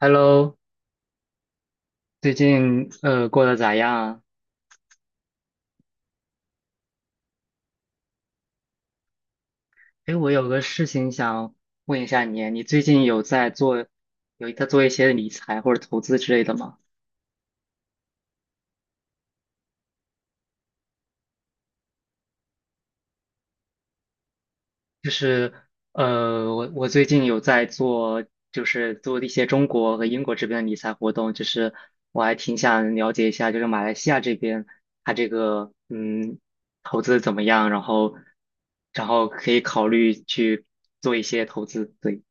Hello，最近过得咋样啊？哎，我有个事情想问一下你，你最近有在做，一些理财或者投资之类的吗？就是我最近有在做，就是做一些中国和英国这边的理财活动，就是我还挺想了解一下，就是马来西亚这边它这个投资怎么样，然后可以考虑去做一些投资，对。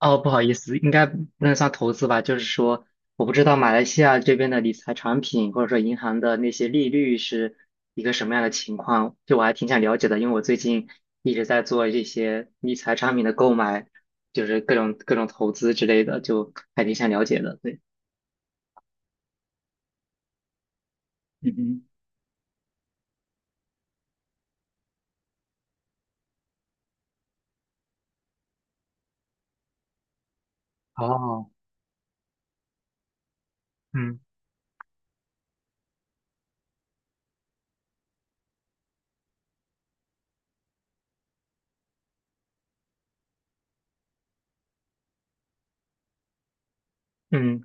哦，不好意思，应该不能算投资吧？就是说，我不知道马来西亚这边的理财产品或者说银行的那些利率是一个什么样的情况，就我还挺想了解的，因为我最近一直在做这些理财产品的购买，就是各种投资之类的，就还挺想了解的。对，嗯嗯，哦，嗯嗯。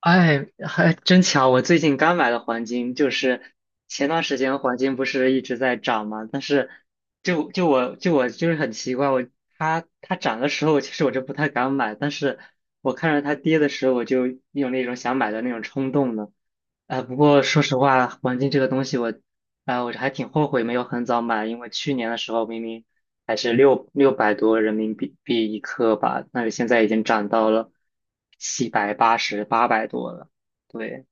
哎，还真巧！我最近刚买了黄金，就是前段时间黄金不是一直在涨嘛，但是就就我就我很奇怪，它涨的时候，其实我就不太敢买，但是我看着它跌的时候，我就有那种想买的那种冲动呢。不过说实话，黄金这个东西我还挺后悔没有很早买，因为去年的时候明明还是600多人民币一克吧，但是现在已经涨到了七百八十800多了。对，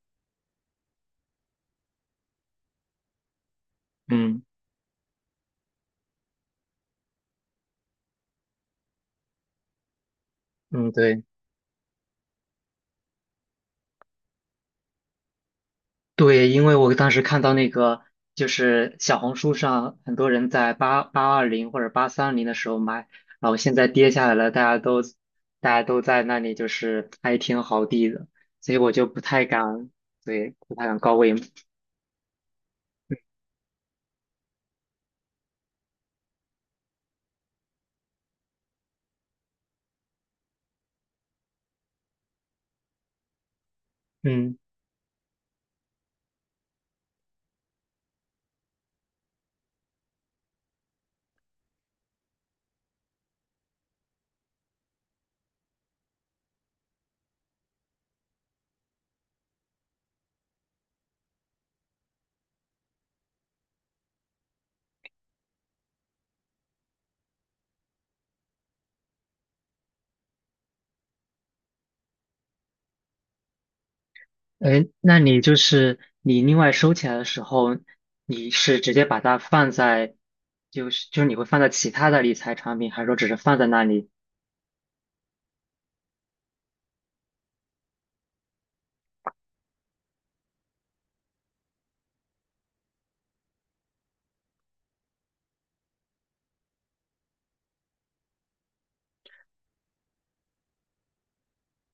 嗯嗯，对。对，因为我当时看到那个，就是小红书上很多人在820或者830的时候买，然后现在跌下来了，大家都在那里就是哀天嚎地的，所以我就不太敢，对，不太敢高位。嗯，哎，那你就是另外收起来的时候，你是直接把它放在，就是你会放在其他的理财产品，还是说只是放在那里？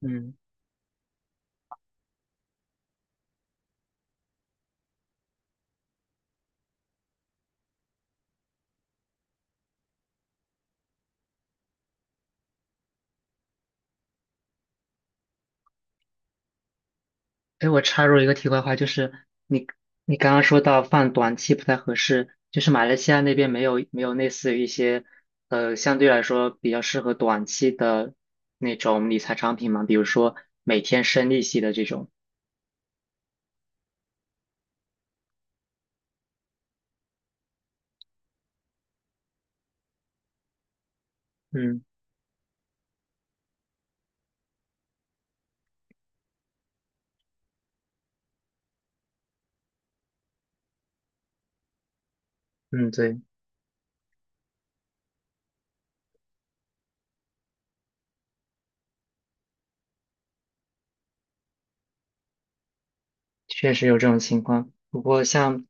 嗯。哎，我插入一个题外话，就是你你刚刚说到放短期不太合适，就是马来西亚那边没有类似于一些相对来说比较适合短期的那种理财产品嘛，比如说每天升利息的这种。嗯嗯，对，确实有这种情况。不过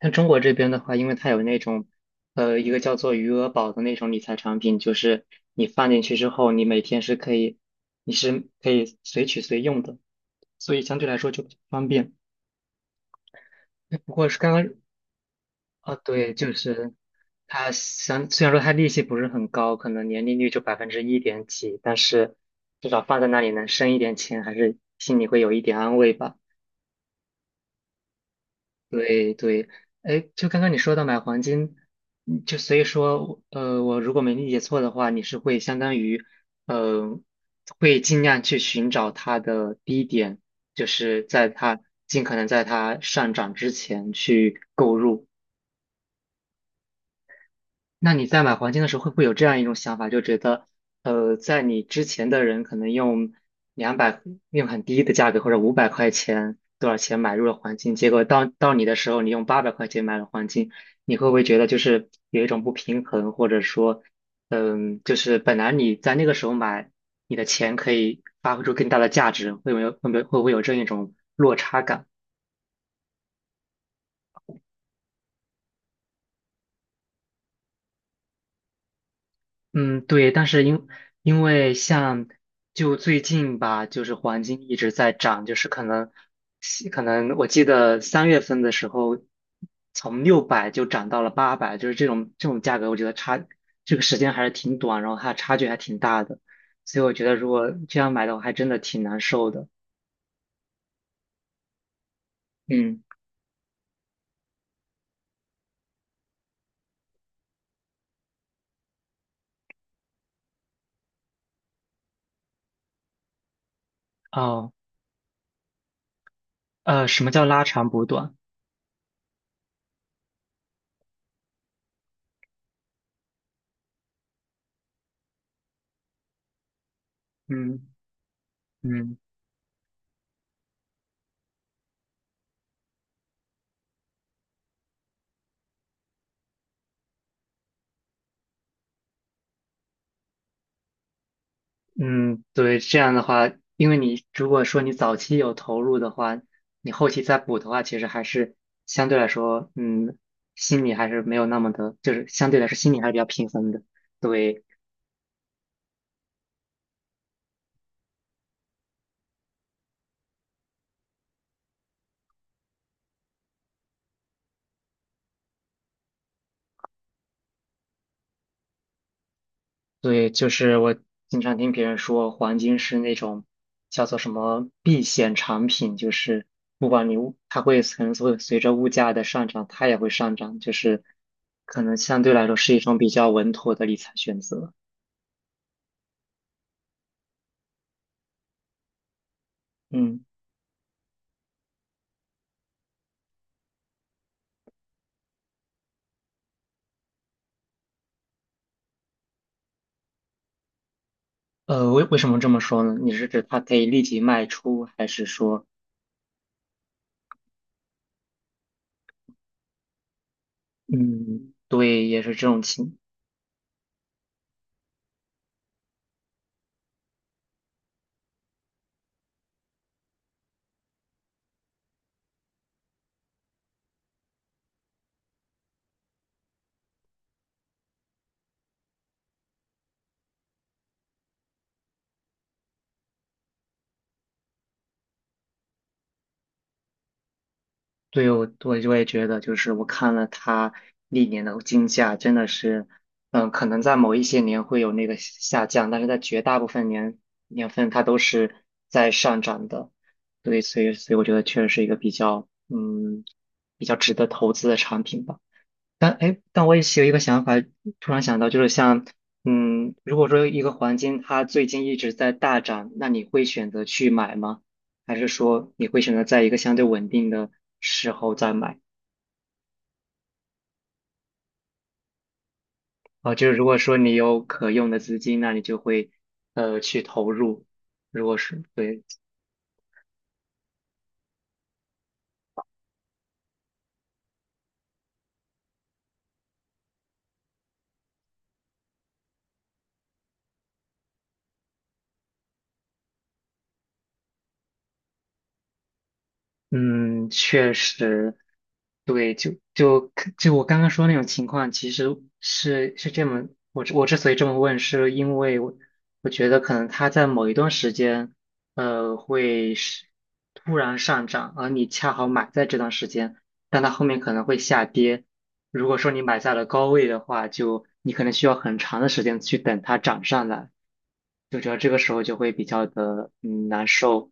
像中国这边的话，因为它有那种一个叫做余额宝的那种理财产品，就是你放进去之后，你是可以随取随用的。所以相对来说就比较方便。不过是刚刚啊，对，就是虽然说他利息不是很高，可能年利率就百分之一点几，但是至少放在那里能生一点钱，还是心里会有一点安慰吧。对对，哎，就刚刚你说到买黄金，就所以说，我如果没理解错的话，你是会相当于，呃，会尽量去寻找它的低点，就是尽可能在它上涨之前去购入。那你在买黄金的时候，会不会有这样一种想法，就觉得，在你之前的人可能用200，用很低的价格或者500块钱多少钱买入了黄金，结果到你的时候，你用800块钱买了黄金，你会不会觉得就是有一种不平衡，或者说，嗯，就是本来你在那个时候买，你的钱可以发挥出更大的价值，会不没有会不会会不会有这样一种落差感？嗯，对，但是因为像就最近吧，就是黄金一直在涨，就是可能我记得3月份的时候，从六百就涨到了八百，就是这种价格，我觉得这个时间还是挺短，然后它差距还挺大的，所以我觉得如果这样买的话，还真的挺难受的。嗯，哦，什么叫拉长补短？嗯嗯。嗯，对，这样的话，因为你如果说你早期有投入的话，你后期再补的话，其实还是相对来说，嗯，心里还是没有那么的，就是相对来说心里还是比较平衡的。对，对，就是我经常听别人说，黄金是那种叫做什么避险产品，就是不管你物，它可能会随着物价的上涨，它也会上涨，就是可能相对来说是一种比较稳妥的理财选择。嗯。呃，为什么这么说呢？你是指它可以立即卖出，还是说，嗯，对，也是这种情，对我就会觉得，就是我看了它历年的金价，真的是，嗯，可能在某一些年会有那个下降，但是在绝大部分年份它都是在上涨的，对，所以我觉得确实是一个比较，嗯，比较值得投资的产品吧。但哎，我也是有一个想法，突然想到，就是像，嗯，如果说一个黄金它最近一直在大涨，那你会选择去买吗？还是说你会选择在一个相对稳定的时候再买？啊，就是如果说你有可用的资金，那你就会去投入。如果是对。嗯，确实，对，就我刚刚说那种情况，其实是这么，我之所以这么问，是因为我我觉得可能它在某一段时间，会是突然上涨，而你恰好买在这段时间，但它后面可能会下跌。如果说你买在了高位的话，就你可能需要很长的时间去等它涨上来，就觉得这个时候就会比较的难受。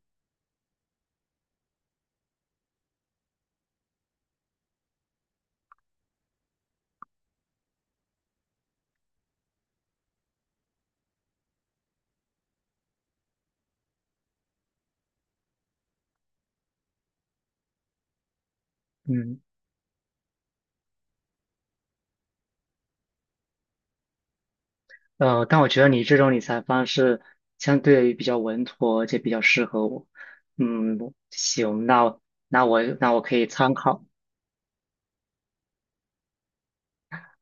嗯。呃，但我觉得你这种理财方式相对于比较稳妥，而且比较适合我。嗯，行，那我可以参考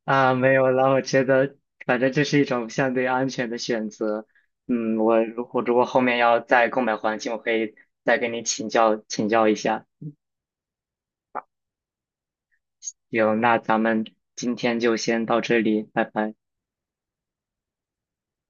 啊，没有了。我觉得反正这是一种相对安全的选择。嗯，我如果后面要再购买黄金，我可以再跟你请教请教一下。有，那咱们今天就先到这里，拜拜。